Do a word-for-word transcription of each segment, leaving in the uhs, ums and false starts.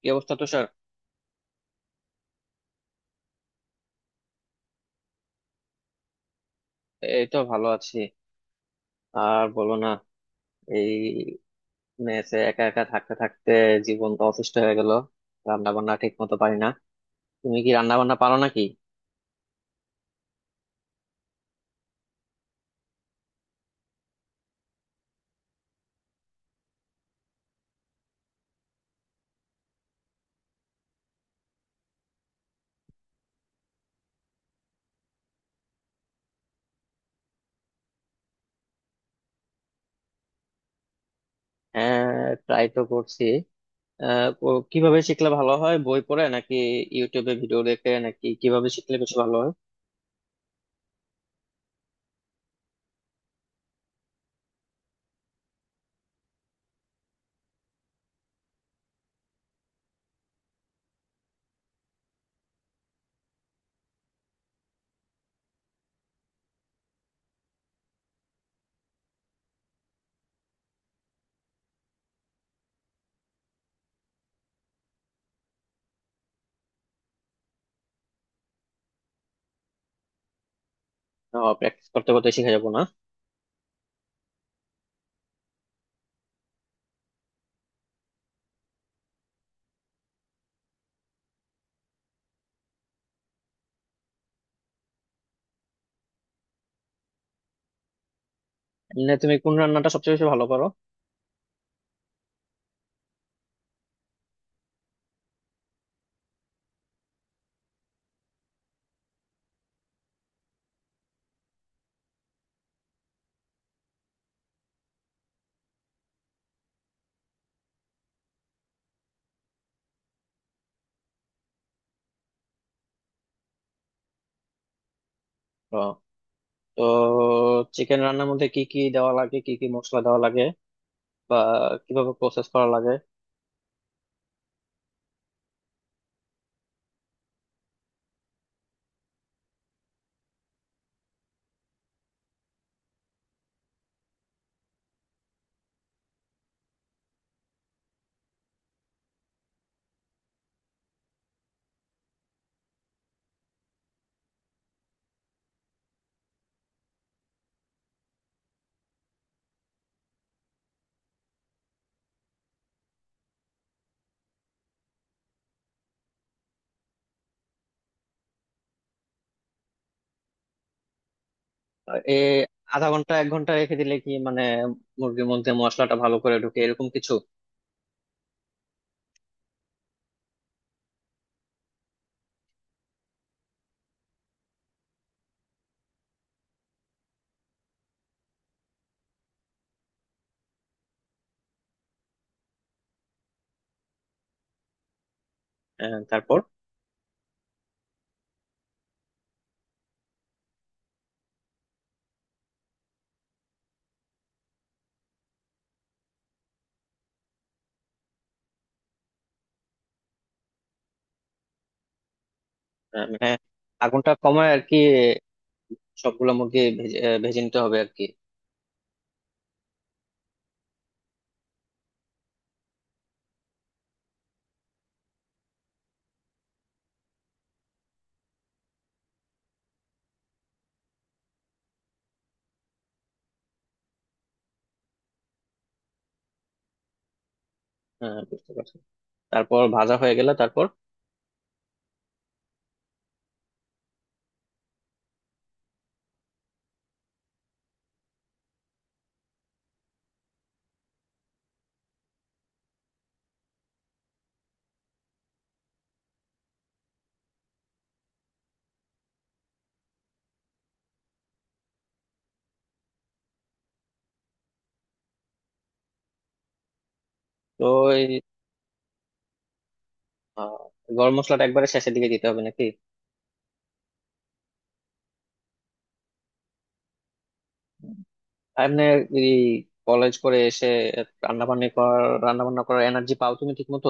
কি অবস্থা তুষার? এই তো ভালো আছি। আর বলো না, এই মেসে একা একা থাকতে থাকতে জীবনটা অসুস্থ হয়ে গেল। রান্না বান্না ঠিক মতো পারি না। তুমি কি রান্না বান্না পারো নাকি? হ্যাঁ, ট্রাই তো করছি। আহ, ও- কিভাবে শিখলে ভালো হয়? বই পড়ে নাকি ইউটিউবে ভিডিও দেখে নাকি কিভাবে শিখলে বেশি ভালো হয়? প্র্যাকটিস করতে করতে শিখে যাবো না? এমনি তুমি কোন রান্নাটা সবচেয়ে বেশি ভালো পারো? ও, তো চিকেন রান্নার মধ্যে কি কি দেওয়া লাগে? কি কি মশলা দেওয়া লাগে বা কিভাবে প্রসেস করা লাগে? এ আধা ঘন্টা এক ঘন্টা রেখে দিলে কি মানে মুরগির মধ্যে মশলাটা ভালো করে ঢুকে এরকম কিছু? আহ, তারপর? আহ, মানে আগুনটা কমায় আর কি? সবগুলো মুরগি ভেজে আহ, ভেজে নিতে হবে আর কি? আহ, বুঝতে পারছি। তারপর ভাজা হয়ে গেলে তারপর? তো ওই আহ, গরম মশলাটা একবারে শেষের দিকে দিতে হবে নাকি? এমনি এই কলেজ করে এসে রান্না বান্না করার রান্না বান্না করার এনার্জি পাও তুমি ঠিক মতো?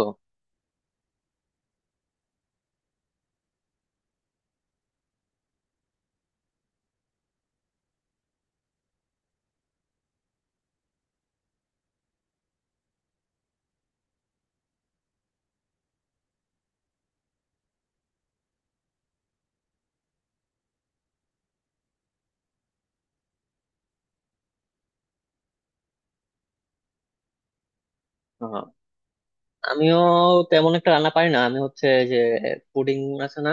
আমিও তেমন একটা রান্না পারি না। আমি হচ্ছে যে পুডিং আছে না,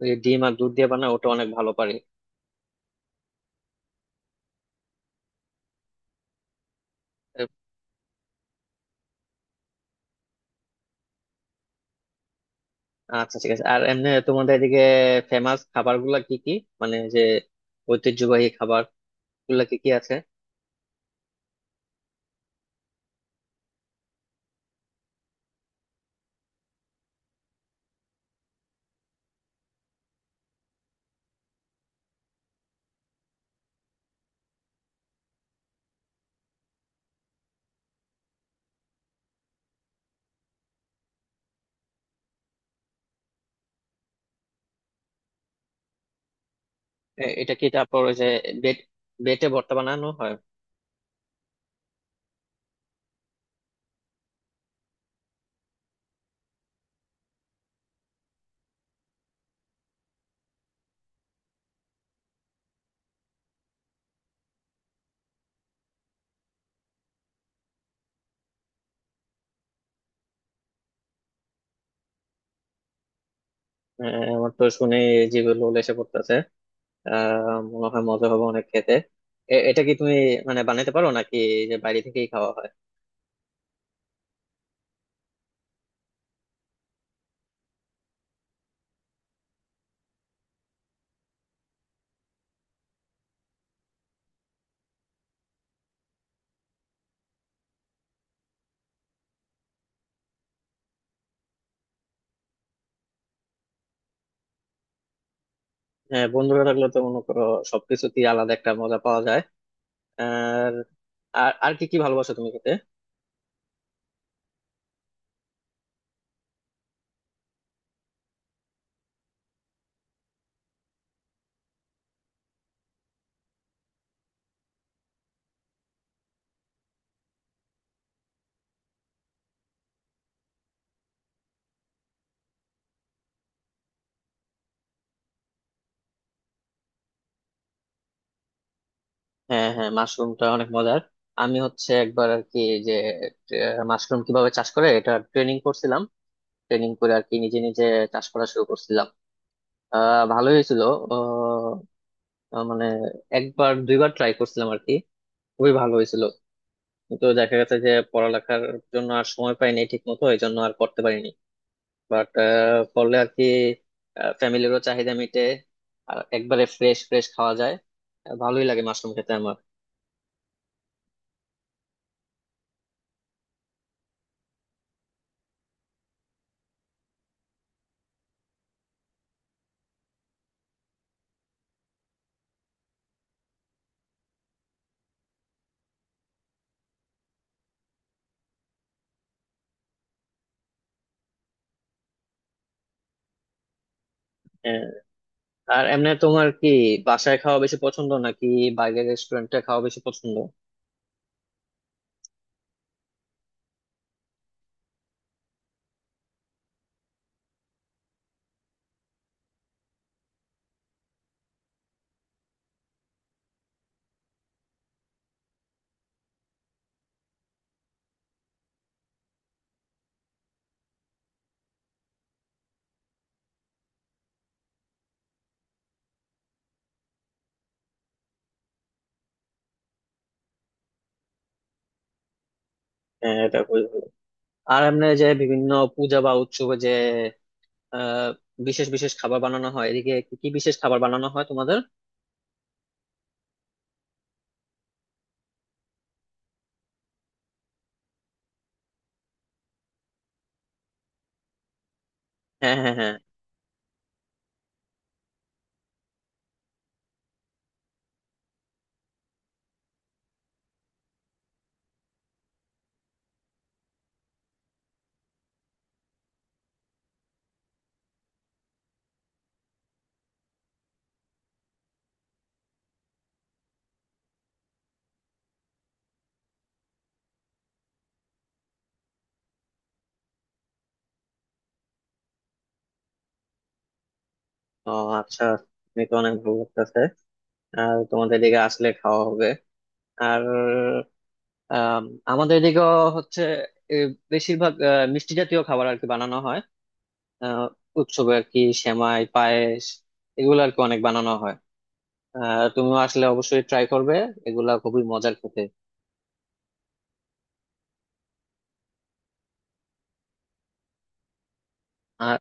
ওই ডিম আর দুধ দিয়ে বানায়, ওটা অনেক ভালো পারি। আচ্ছা, ঠিক আছে। আর এমনি তোমাদের এদিকে ফেমাস খাবার গুলা কি কি? মানে যে ঐতিহ্যবাহী খাবার গুলা কি কি আছে? এ- এটা কি তারপর ওই যে বেট বেটে ভর্তা বানানো হয়? আহ, আমার তো শুনে জিভে লোল এসে পড়তেছে। আহ, মনে হয় মজা হবে অনেক খেতে। এ- এটা কি তুমি মানে বানাইতে পারো নাকি যে বাইরে থেকেই খাওয়া হয়? হ্যাঁ, বন্ধুরা থাকলে তো মনে করো সবকিছুতেই আলাদা একটা মজা পাওয়া যায়। আর আর আর কি কি ভালোবাসো তুমি খেতে? হ্যাঁ হ্যাঁ, মাশরুমটা অনেক মজার। আমি হচ্ছে একবার আর কি যে আহ, মাশরুম কিভাবে চাষ করে এটা ট্রেনিং করছিলাম। ট্রেনিং করে আর কি নিজে নিজে চাষ করা শুরু করছিলাম। আহ, ভালোই হয়েছিল। আহ, আহ, মানে একবার দুইবার ট্রাই করছিলাম আর কি, খুবই ভালো হয়েছিল। কিন্তু দেখা গেছে যে পড়ালেখার জন্য আর সময় পাইনি ঠিক মতো, এই জন্য আর করতে পারিনি। বাট করলে আর কি ফ্যামিলিরও চাহিদা মিটে, আর একবারে ফ্রেশ ফ্রেশ খাওয়া যায়। আহ, ভালোই লাগে মাশরুম খেতে আমার। আহ, আর এমনি তোমার কি বাসায় খাওয়া বেশি পছন্দ নাকি বাইরের রেস্টুরেন্টে খাওয়া বেশি পছন্দ? হ্যাঁ, এটা খুবই ভালো। আর এমনি যে বিভিন্ন পূজা বা উৎসবে যে আহ বিশেষ বিশেষ খাবার বানানো হয়, এদিকে কি কি বিশেষ খাবার বানানো হয় তোমাদের? হ্যাঁ হ্যাঁ হ্যাঁ। ও, আচ্ছা। তুমি তো অনেক ভালো লাগতেছে। আর তোমাদের এদিকে আসলে খাওয়া হবে। আর আম, আমাদের এদিকেও হচ্ছে এ, বেশিরভাগ আহ, মিষ্টি জাতীয় খাবার আর কি বানানো হয়। আহ, উৎসবে আর কি সেমাই পায়েস এগুলো আর কি অনেক বানানো হয়। আহ, তুমিও আসলে অবশ্যই ট্রাই করবে, এগুলা খুবই মজার খেতে। আর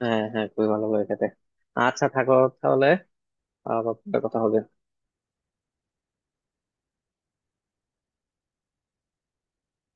হ্যাঁ হ্যাঁ, খুবই ভালো করে খেতে। আচ্ছা থাকো তাহলে, আবার পরে কথা হবে।